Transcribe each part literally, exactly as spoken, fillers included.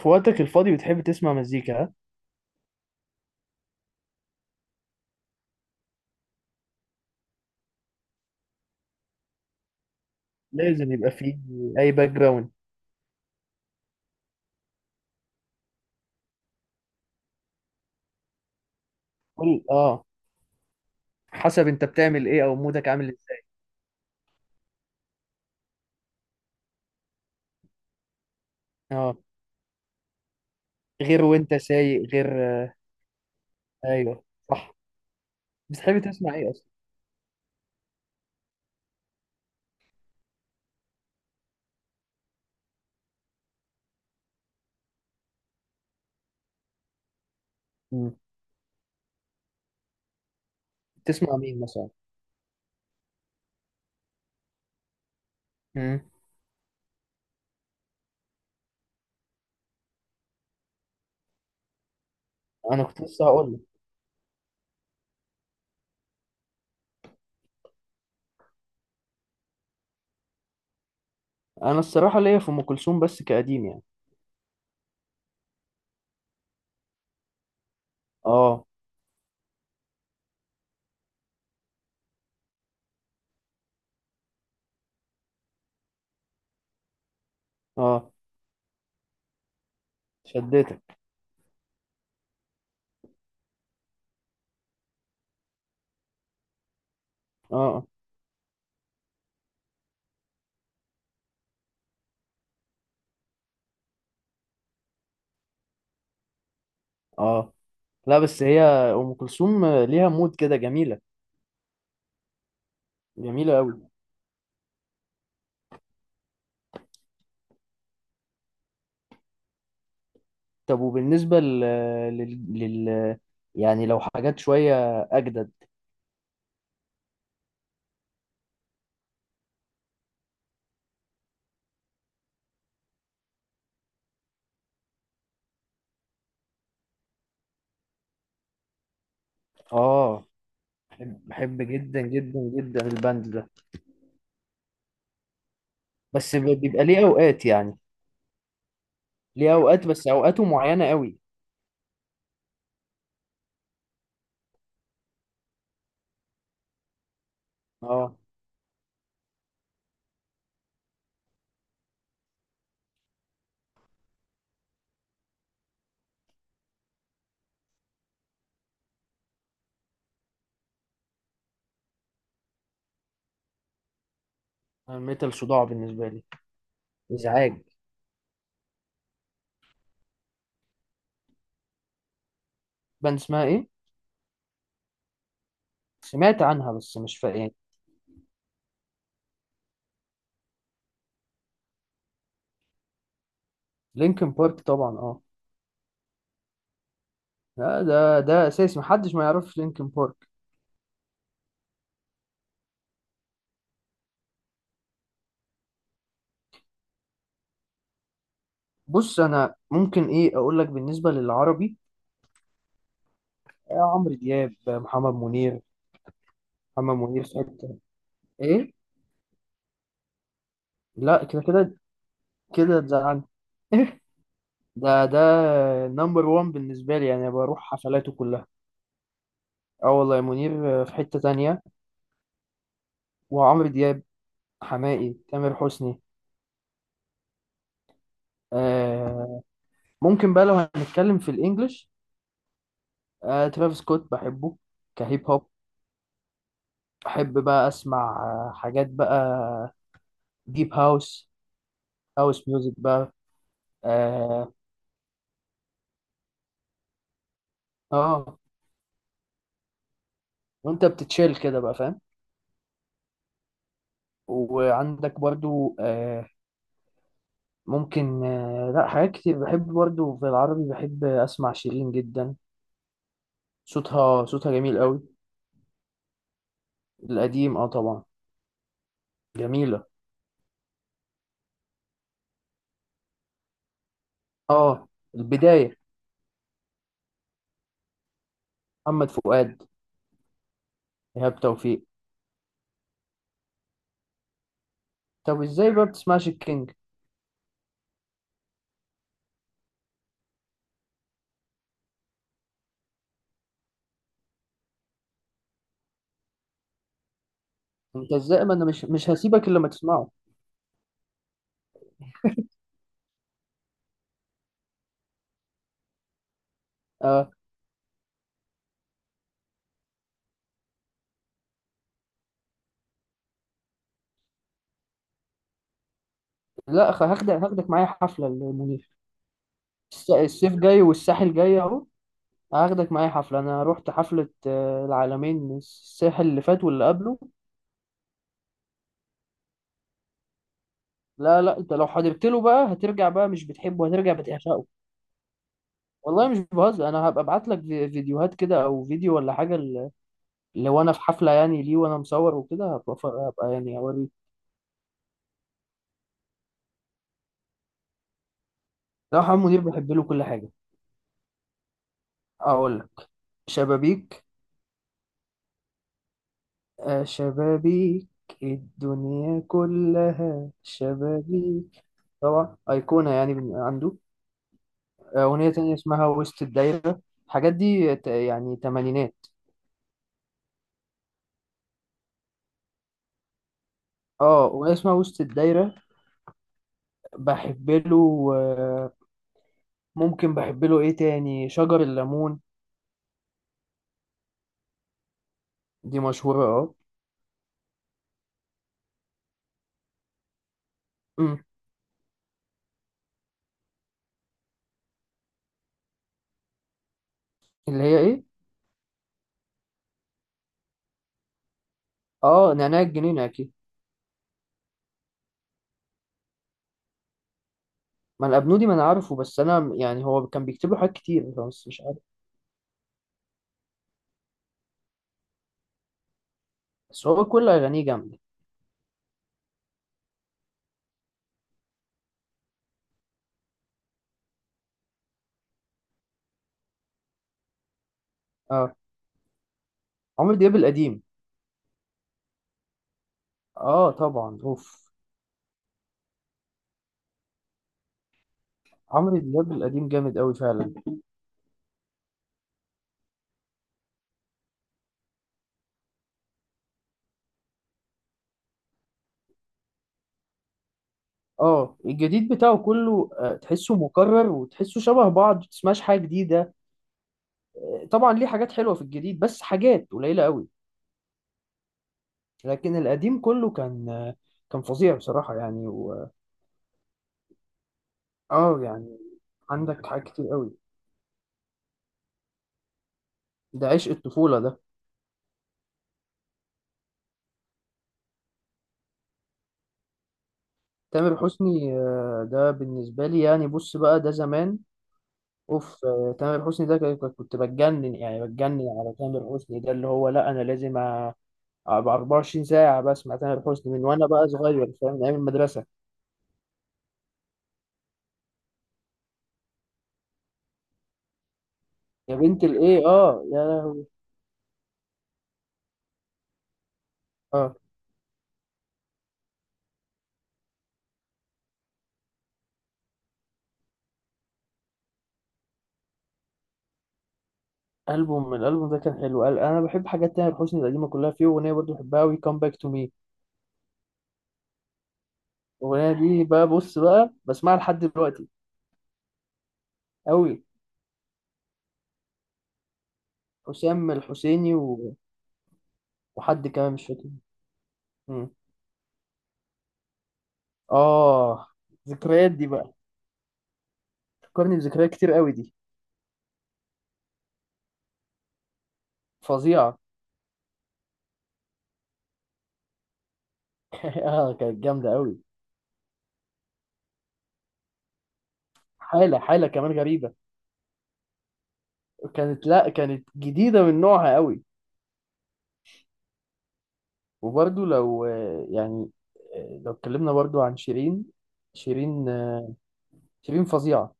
في وقتك الفاضي بتحب تسمع مزيكا ها؟ لازم يبقى فيه اي باك جراوند. كل اه حسب انت بتعمل ايه او مودك عامل ازاي؟ اه، غير وانت سايق غير. آه. ايوه، صح. بتحب تسمع ايه اصلا؟ مم. تسمع مين مثلا؟ مم. انا كنت لسه هقول لك، انا الصراحه ليا في ام كلثوم بس كقديم يعني. اه اه، شدتك. اه اه، لا بس هي ام كلثوم ليها مود كده جميله، جميله قوي. طب وبالنسبة لل... لل... لل... يعني لو حاجات شوية أجدد؟ آه، بحب بحب جدا جدا جدا البند ده. بس ب- بيبقى ليه أوقات يعني، ليه أوقات بس أوقاته معينة قوي. آه. الميتال صداع بالنسبة لي، إزعاج. باند اسمها إيه؟ سمعت عنها بس مش فاهم يعني. لينكن بارك طبعا، آه. لا، ده ده أساسي، محدش ما يعرفش لينكن بارك. بص، أنا ممكن إيه أقول لك؟ بالنسبة للعربي، آه، عمرو دياب، آه، محمد منير. محمد منير في حتة إيه؟ لا كده، كده كده تزعلني. ده ده نمبر وان بالنسبة لي، يعني بروح حفلاته كلها. اه والله، منير في حتة تانية. وعمرو دياب، حماقي، تامر حسني. آه. ممكن بقى لو هنتكلم في الانجليش، آه ترافيس سكوت بحبه، كهيب هوب. بحب بقى اسمع آه، حاجات بقى، ديب هاوس، هاوس ميوزك بقى. اه، آه. وانت بتتشيل كده بقى، فاهم. وعندك برضو آه، ممكن آه، لا حاجات كتير بحب برضه. في العربي بحب اسمع شيرين جدا، صوتها صوتها جميل قوي. القديم اه طبعا. جميلة. اه، البداية. محمد فؤاد. إيهاب توفيق. طب ازاي بقى بتسمعش الكينج؟ انت ازاي؟ ما انا مش مش هسيبك الا ما تسمعه. آه لا، خ- هاخدك هاخدك معايا حفلة المنير. الس- الصيف جاي والساحل جاي اهو. هاخدك معايا حفلة، انا رحت حفلة آه، العالمين الساحل اللي فات واللي قبله. لا لا، انت لو حضرت له بقى هترجع. بقى مش بتحبه، هترجع بتعشقه. والله مش بهزر، انا هبقى ابعت لك في- فيديوهات كده او فيديو ولا حاجه، ل- لو انا في حفله يعني ليه، وانا مصور وكده، هبقى ف- هبقى يعني اوريك. ده محمد منير بحب له كل حاجه. اقول لك: شبابيك. آه، شبابيك. الدنيا كلها شبابيك. طبعا أيقونة يعني من عنده. آه، أغنية تانية اسمها وسط الدايرة. الحاجات دي ت- يعني تمانينات. اه، أغنية اسمها وسط الدايرة. بحب له آه، ممكن بحب له ايه تاني؟ شجر الليمون. دي مشهورة اه. أمم. اللي هي ايه؟ اه، نعناع الجنينة اكيد. ما الابنودي ما انا عارفه، بس انا يعني هو كان بيكتب له حاجات كتير، بس مش عارف. بس هو كل اغانيه جامدة. اه، عمرو دياب القديم. اه طبعا، اوف. عمرو دياب القديم جامد قوي فعلا. اه، الجديد بتاعه كله آه، تحسه مكرر وتحسه شبه بعض، متسمعش حاجة جديدة. آه، طبعا ليه حاجات حلوة في الجديد، بس حاجات قليلة قوي. لكن القديم كله كان آه، كان فظيع بصراحة يعني، و... اه يعني، عندك حاجات كتير قوي. ده عشق الطفولة ده. تامر حسني آه، ده بالنسبة لي يعني، بص بقى، ده زمان. اوف آه، تامر حسني ده كان- كنت بتجنن، يعني بتجنن على تامر حسني ده. اللي هو لا، انا لازم أ- ابقى اربعة وعشرين ساعة بسمع تامر حسني، من وانا بقى صغير فاهم، من ايام المدرسة. يا بنت الايه، اه يا لهوي. اه، البوم الالبوم ده كان حلو، قال- انا بحب حاجات تامر حسني القديمة كلها. فيه اغنية برضه بحبها، وي كام باك تو مي. الاغنية دي بقى، بص بقى، بسمعها لحد دلوقتي. قوي. حسام الحسيني و... وحد كمان مش فاكر. اه، ذكريات دي بقى، فكرني بذكريات كتير قوي دي. فظيعه. اه كانت جامده قوي. حاله، حاله كمان غريبه. كانت لا كانت جديده من نوعها قوي. وبرده لو آه، يعني آه، لو اتكلمنا برده عن شيرين، شيرين آه، شيرين فظيعه.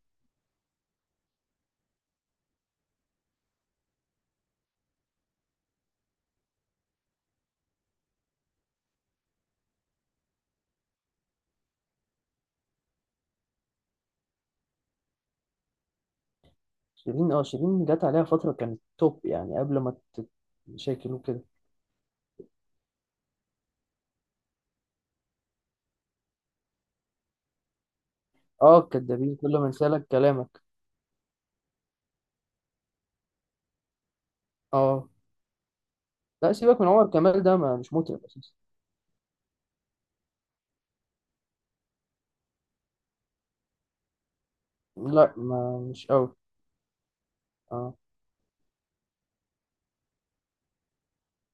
شيرين اه شيرين جت عليها فتره كانت توب، يعني قبل ما تشكل وكده. اه، الكدابين، كل ما انسالك كلامك. اه لا، سيبك من عمر كمال ده، ما مش مطرب اساسا. لا، ما مش قوي. آه.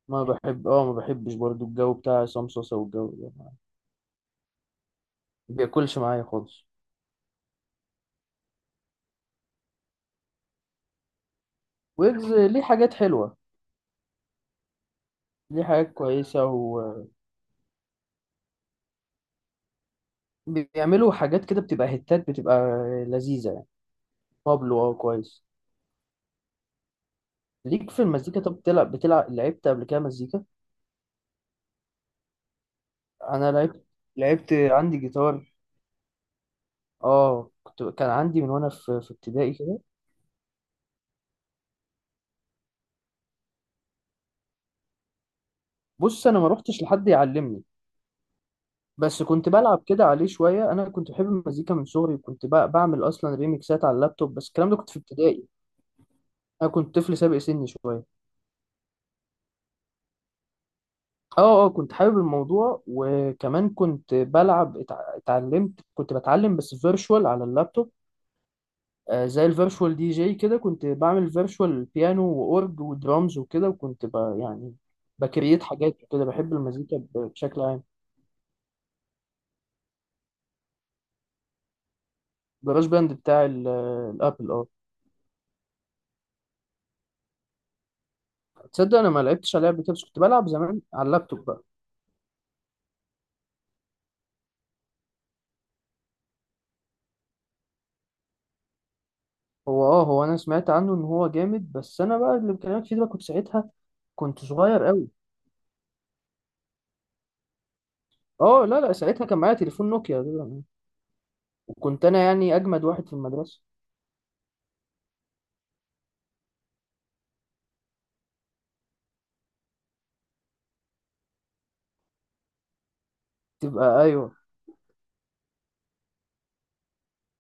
ما بحب اه ما بحبش برضو الجو بتاع عصام صاصا والجو ده، ما بياكلش معايا خالص. ويجز ليه حاجات حلوة، ليه حاجات كويسة، وبيعملوا حاجات كده بتبقى هتات، بتبقى لذيذة يعني. بابلو اه كويس. ليك في المزيكا؟ طب بتلعب بتلعب لعبت قبل كده مزيكا؟ انا لعبت، لعبت عندي جيتار. اه كنت كان عندي من وانا في في ابتدائي كده. بص انا ما روحتش لحد يعلمني، بس كنت بلعب كده عليه شوية. أنا كنت بحب المزيكا من صغري، وكنت ب- بعمل أصلا ريميكسات على اللابتوب، بس الكلام ده كنت في ابتدائي. انا كنت طفل سابق سني شويه. اه اه، كنت حابب الموضوع، وكمان كنت بلعب، اتع- اتعلمت، كنت بتعلم بس فيرشوال على اللابتوب. آه، زي الفيرشوال دي جي كده، كنت بعمل فيرشوال بيانو واورج ودرامز وكده، وكنت ب يعني بكريت حاجات وكده، بحب المزيكا ب- بشكل عام. جراج باند بتاع ال- الابل، اه. تصدق انا ما لعبتش على لعبه كده، بس كنت بلعب زمان على اللابتوب بقى. هو اه، هو انا سمعت عنه ان هو جامد، بس انا بقى اللي بكلمك فيه ده كنت ساعتها كنت صغير قوي. اه لا لا، ساعتها كان معايا تليفون نوكيا ده. وكنت انا يعني اجمد واحد في المدرسه. تبقى ايوه.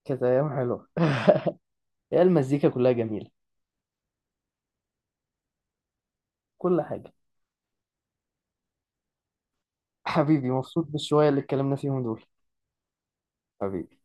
كانت ايام حلوه. يا المزيكا كلها جميله، كل حاجه. حبيبي مبسوط بالشويه اللي اتكلمنا فيهم دول. حبيبي.